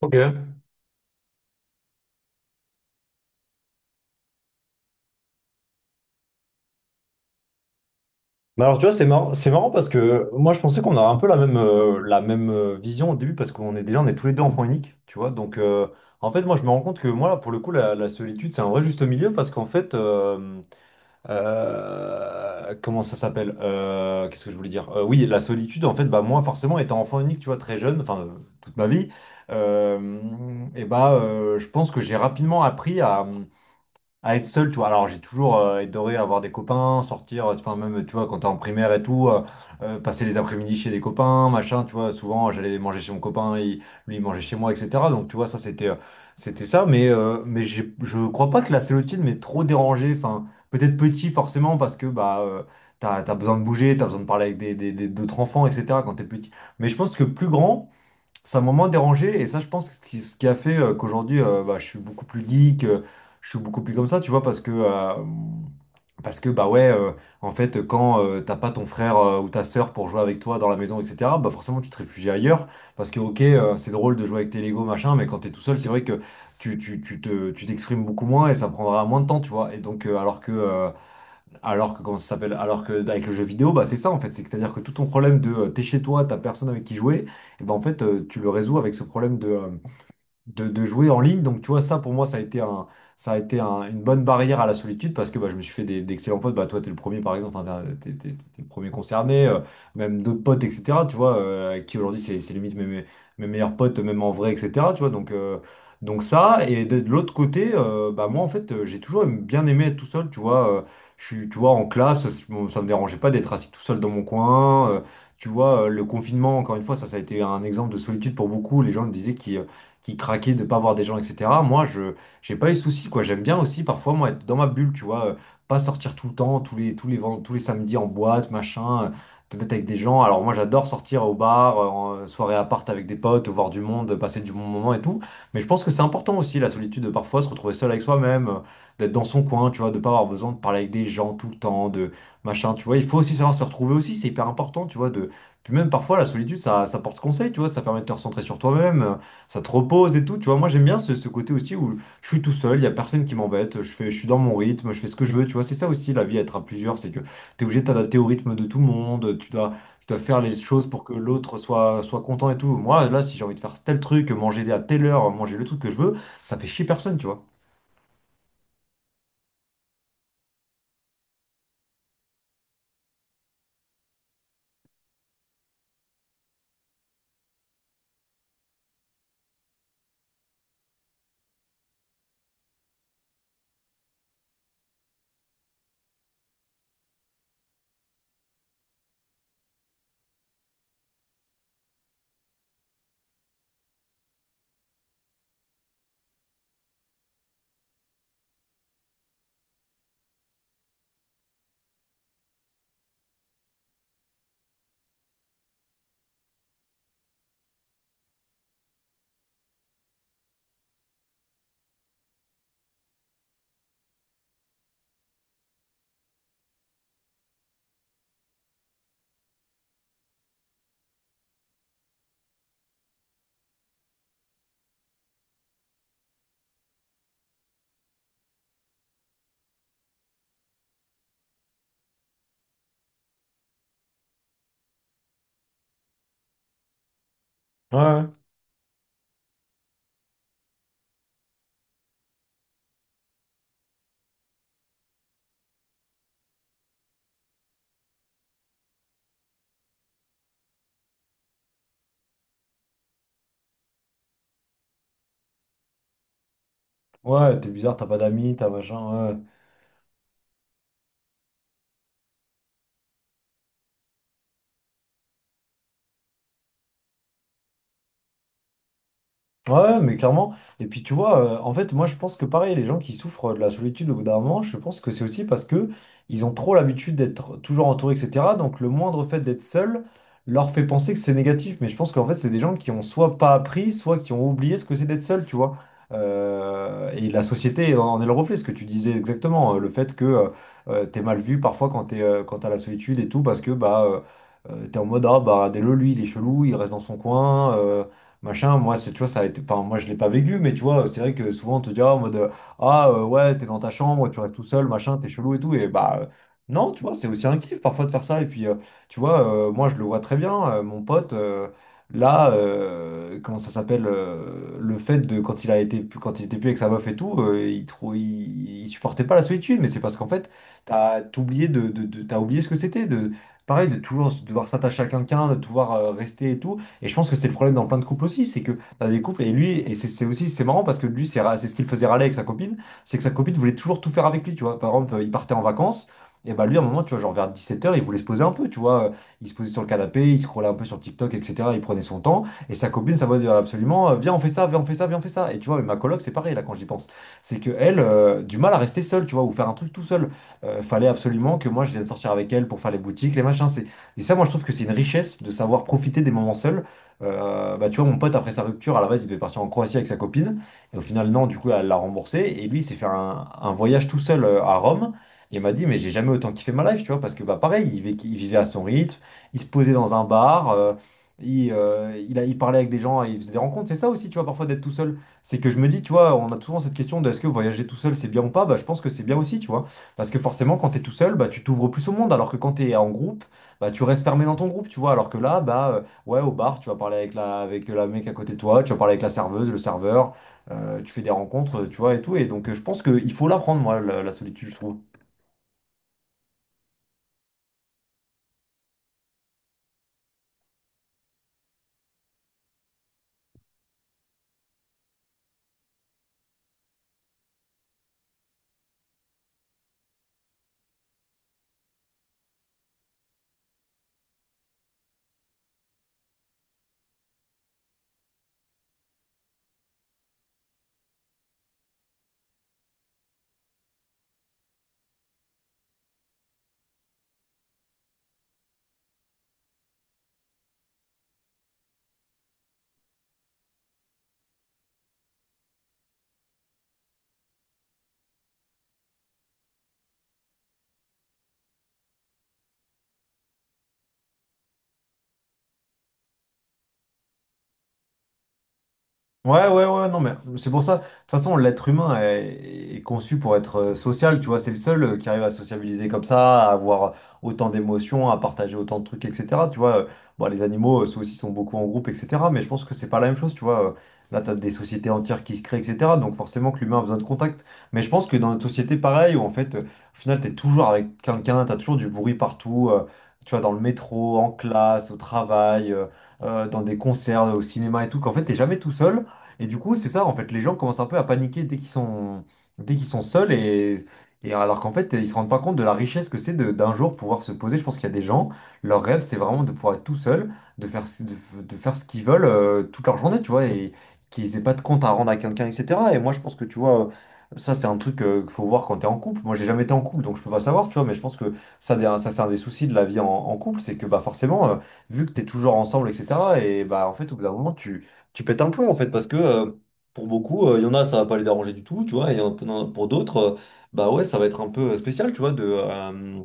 Ok. Mais alors, tu vois, c'est marrant parce que moi, je pensais qu'on a un peu la même, vision au début parce qu'on est déjà, on est tous les deux enfants uniques, tu vois. Donc, en fait, moi, je me rends compte que moi, là, pour le coup, la solitude, c'est un vrai juste milieu parce qu'en fait, comment ça s'appelle? Qu'est-ce que je voulais dire? Oui, la solitude, en fait, bah, moi, forcément, étant enfant unique, tu vois, très jeune, enfin, toute ma vie, euh, et bah, je pense que j'ai rapidement appris à être seul, tu vois. Alors, j'ai toujours adoré avoir des copains, sortir, enfin, même, tu vois, quand t'es en primaire et tout, passer les après-midi chez des copains, machin, tu vois. Souvent, j'allais manger chez mon copain, lui, il mangeait chez moi, etc. Donc, tu vois, ça, c'était ça. Mais je crois pas que la célotine m'ait trop dérangé. Enfin, peut-être petit, forcément, parce que, bah, t'as besoin de bouger, t'as besoin de parler avec d'autres enfants, etc. quand t'es petit. Mais je pense que plus grand ça m'a moins dérangé, et ça je pense ce qui a fait qu'aujourd'hui bah, je suis beaucoup plus geek, je suis beaucoup plus comme ça tu vois parce que bah ouais, en fait quand t'as pas ton frère ou ta sœur pour jouer avec toi dans la maison etc, bah forcément tu te réfugies ailleurs parce que ok, c'est drôle de jouer avec tes Lego machin, mais quand t'es tout seul c'est vrai que tu t'exprimes beaucoup moins et ça prendra moins de temps tu vois. Et donc alors que, comment ça s'appelle? Alors que avec le jeu vidéo, bah, c'est ça en fait. C'est-à-dire que tout ton problème de t'es chez toi, t'as personne avec qui jouer, et ben en fait, tu le résous avec ce problème de de jouer en ligne. Donc, tu vois, ça pour moi, ça a été un, ça a été un- une bonne barrière à la solitude parce que bah, je me suis fait d'excellents potes. Bah, toi, t'es le premier, par exemple, enfin, t'es le premier concerné, même d'autres potes, etc. Tu vois, avec qui aujourd'hui, c'est limite mes, mes meilleurs potes, même en vrai, etc. Tu vois, donc ça. Et de l'autre côté, bah, moi, en fait, j'ai toujours bien aimé être tout seul, tu vois. Je suis, tu vois, en classe, ça me dérangeait pas d'être assis tout seul dans mon coin. Tu vois, le confinement, encore une fois, ça a été un exemple de solitude pour beaucoup. Les gens disaient qu'ils qui craquaient de pas voir des gens, etc. Moi, je j'ai pas eu de soucis, quoi. J'aime bien aussi parfois, moi, être dans ma bulle, tu vois, pas sortir tout le temps, tous les samedis en boîte, machin, te mettre avec des gens. Alors moi, j'adore sortir au bar, en soirée à part avec des potes, voir du monde, passer du bon moment et tout. Mais je pense que c'est important aussi, la solitude, de parfois se retrouver seul avec soi-même, d'être dans son coin, tu vois, de pas avoir besoin de parler avec des gens tout le temps, de machin, tu vois. Il faut aussi savoir se retrouver aussi, c'est hyper important, tu vois. De... Puis même parfois, la solitude, ça porte conseil, tu vois, ça permet de te recentrer sur toi-même. Ça te repose et tout. Tu vois, moi j'aime bien ce côté aussi où je suis tout seul, il n'y a personne qui m'embête, je suis dans mon rythme, je fais ce que je veux. Tu vois, c'est ça aussi la vie, être à plusieurs, c'est que tu es obligé de t'adapter au rythme de tout le monde, tu dois faire les choses pour que l'autre soit content et tout. Moi, là, si j'ai envie de faire tel truc, manger à telle heure, manger le truc que je veux, ça fait chier personne, tu vois. Ouais, ouais, t'es bizarre, t'as pas d'amis, t'as machin, ouais. Ouais, mais clairement. Et puis tu vois, en fait, moi je pense que pareil, les gens qui souffrent de la solitude au bout d'un moment, je pense que c'est aussi parce que ils ont trop l'habitude d'être toujours entourés, etc. Donc le moindre fait d'être seul leur fait penser que c'est négatif. Mais je pense qu'en fait, c'est des gens qui ont soit pas appris, soit qui ont oublié ce que c'est d'être seul, tu vois. Et la société en est le reflet, ce que tu disais exactement, le fait que, t'es mal vu parfois quand t'es, quand t'as la solitude et tout, parce que bah, t'es en mode ah bah dès le lui, il est chelou, il reste dans son coin. Machin. Moi, tu vois, ça a été, enfin, moi, je l'ai pas vécu, mais tu vois, c'est vrai que souvent, on te dira en mode, ouais, t'es dans ta chambre, tu restes tout seul, machin, t'es chelou et tout. Et bah, non, tu vois, c'est aussi un kiff parfois de faire ça. Et puis, tu vois, moi, je le vois très bien, mon pote, là, comment ça s'appelle, le fait de, quand il a été, quand il était plus avec sa meuf et tout, il supportait pas la solitude, mais c'est parce qu'en fait, t'as oublié t'as oublié ce que c'était, de, pareil, de toujours devoir s'attacher à quelqu'un, de devoir rester et tout. Et je pense que c'est le problème dans plein de couples aussi, c'est que t'as des couples et lui, et c'est aussi, c'est marrant parce que lui, c'est ce qu'il faisait râler avec sa copine, c'est que sa copine voulait toujours tout faire avec lui, tu vois. Par exemple, il partait en vacances, et bah lui, à un moment, tu vois, genre vers 17h, il voulait se poser un peu, tu vois. Il se posait sur le canapé, il scrollait un peu sur TikTok, etc. Il prenait son temps, et sa copine, ça va dire absolument, viens, on fait ça, viens, on fait ça, viens, on fait ça. Et tu vois, mais ma coloc, c'est pareil là quand j'y pense. C'est que elle, du mal à rester seule, tu vois, ou faire un truc tout seul. Fallait absolument que moi, je vienne sortir avec elle pour faire les boutiques, les machins. Et ça, moi, je trouve que c'est une richesse de savoir profiter des moments seuls. Bah, tu vois, mon pote, après sa rupture, à la base, il devait partir en Croatie avec sa copine. Et au final, non, du coup, elle l'a remboursé. Et lui, il s'est fait un voyage tout seul, à Rome. Et il m'a dit, mais j'ai jamais autant kiffé ma life, tu vois, parce que, bah, pareil, il vivait à son rythme, il se posait dans un bar, il parlait avec des gens, il faisait des rencontres. C'est ça aussi, tu vois, parfois d'être tout seul. C'est que je me dis, tu vois, on a souvent cette question de est-ce que voyager tout seul, c'est bien ou pas? Bah, je pense que c'est bien aussi, tu vois. Parce que forcément, quand t'es tout seul, bah, tu t'ouvres plus au monde, alors que quand t'es en groupe, bah, tu restes fermé dans ton groupe, tu vois. Alors que là, bah. Ouais, au bar, tu vas parler avec avec la mec à côté de toi, tu vas parler avec la serveuse, le serveur, tu fais des rencontres, tu vois, et tout. Et donc, je pense qu'il faut l'apprendre, moi, la solitude, je trouve. Ouais, ouais, ouais, non, mais c'est pour ça. De toute façon, l'être humain est conçu pour être social, tu vois, c'est le seul qui arrive à sociabiliser comme ça, à avoir autant d'émotions, à partager autant de trucs, etc. Tu vois, bon, les animaux, ceux aussi sont beaucoup en groupe, etc. Mais je pense que c'est pas la même chose, tu vois. Là, t'as des sociétés entières qui se créent, etc. Donc forcément que l'humain a besoin de contact. Mais je pense que dans notre société, pareil, où en fait, au final, t'es toujours avec quelqu'un, t'as toujours du bruit partout, tu vois, dans le métro, en classe, au travail, dans des concerts, au cinéma et tout, qu'en fait, t'es jamais tout seul. Et du coup, c'est ça, en fait, les gens commencent un peu à paniquer dès qu'ils sont seuls, et alors qu'en fait, ils se rendent pas compte de la richesse que c'est d'un jour pouvoir se poser. Je pense qu'il y a des gens, leur rêve, c'est vraiment de pouvoir être tout seul, de faire ce qu'ils veulent toute leur journée, tu vois, et qu'ils aient pas de compte à rendre à quelqu'un, etc. Et moi, je pense que, tu vois, ça, c'est un truc qu'il faut voir quand t'es en couple. Moi, j'ai jamais été en couple, donc je peux pas savoir, tu vois, mais je pense que ça c'est un des soucis de la vie en couple, c'est que, bah, forcément, vu que t'es toujours ensemble, etc., et bah, en fait, au bout d'un moment, tu pètes un plomb en fait parce que, pour beaucoup, il y en a ça va pas les déranger du tout tu vois, et il y en a- pour d'autres, bah ouais ça va être un peu, spécial tu vois de euh,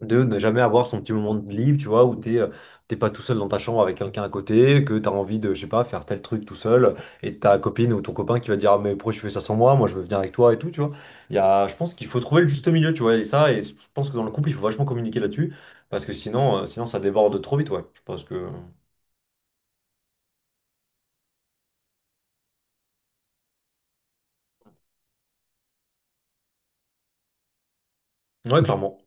de ne jamais avoir son petit moment de libre, tu vois, où t'es pas tout seul dans ta chambre avec quelqu'un à côté, que t'as envie de je sais pas faire tel truc tout seul, et ta copine ou ton copain qui va te dire ah, mais pourquoi tu fais ça sans moi, moi je veux venir avec toi et tout, tu vois. Il y a, je pense qu'il faut trouver le juste milieu, tu vois, et ça, et je pense que dans le couple il faut vachement communiquer là-dessus, parce que sinon ça déborde trop vite. Ouais je pense que. Ouais clairement.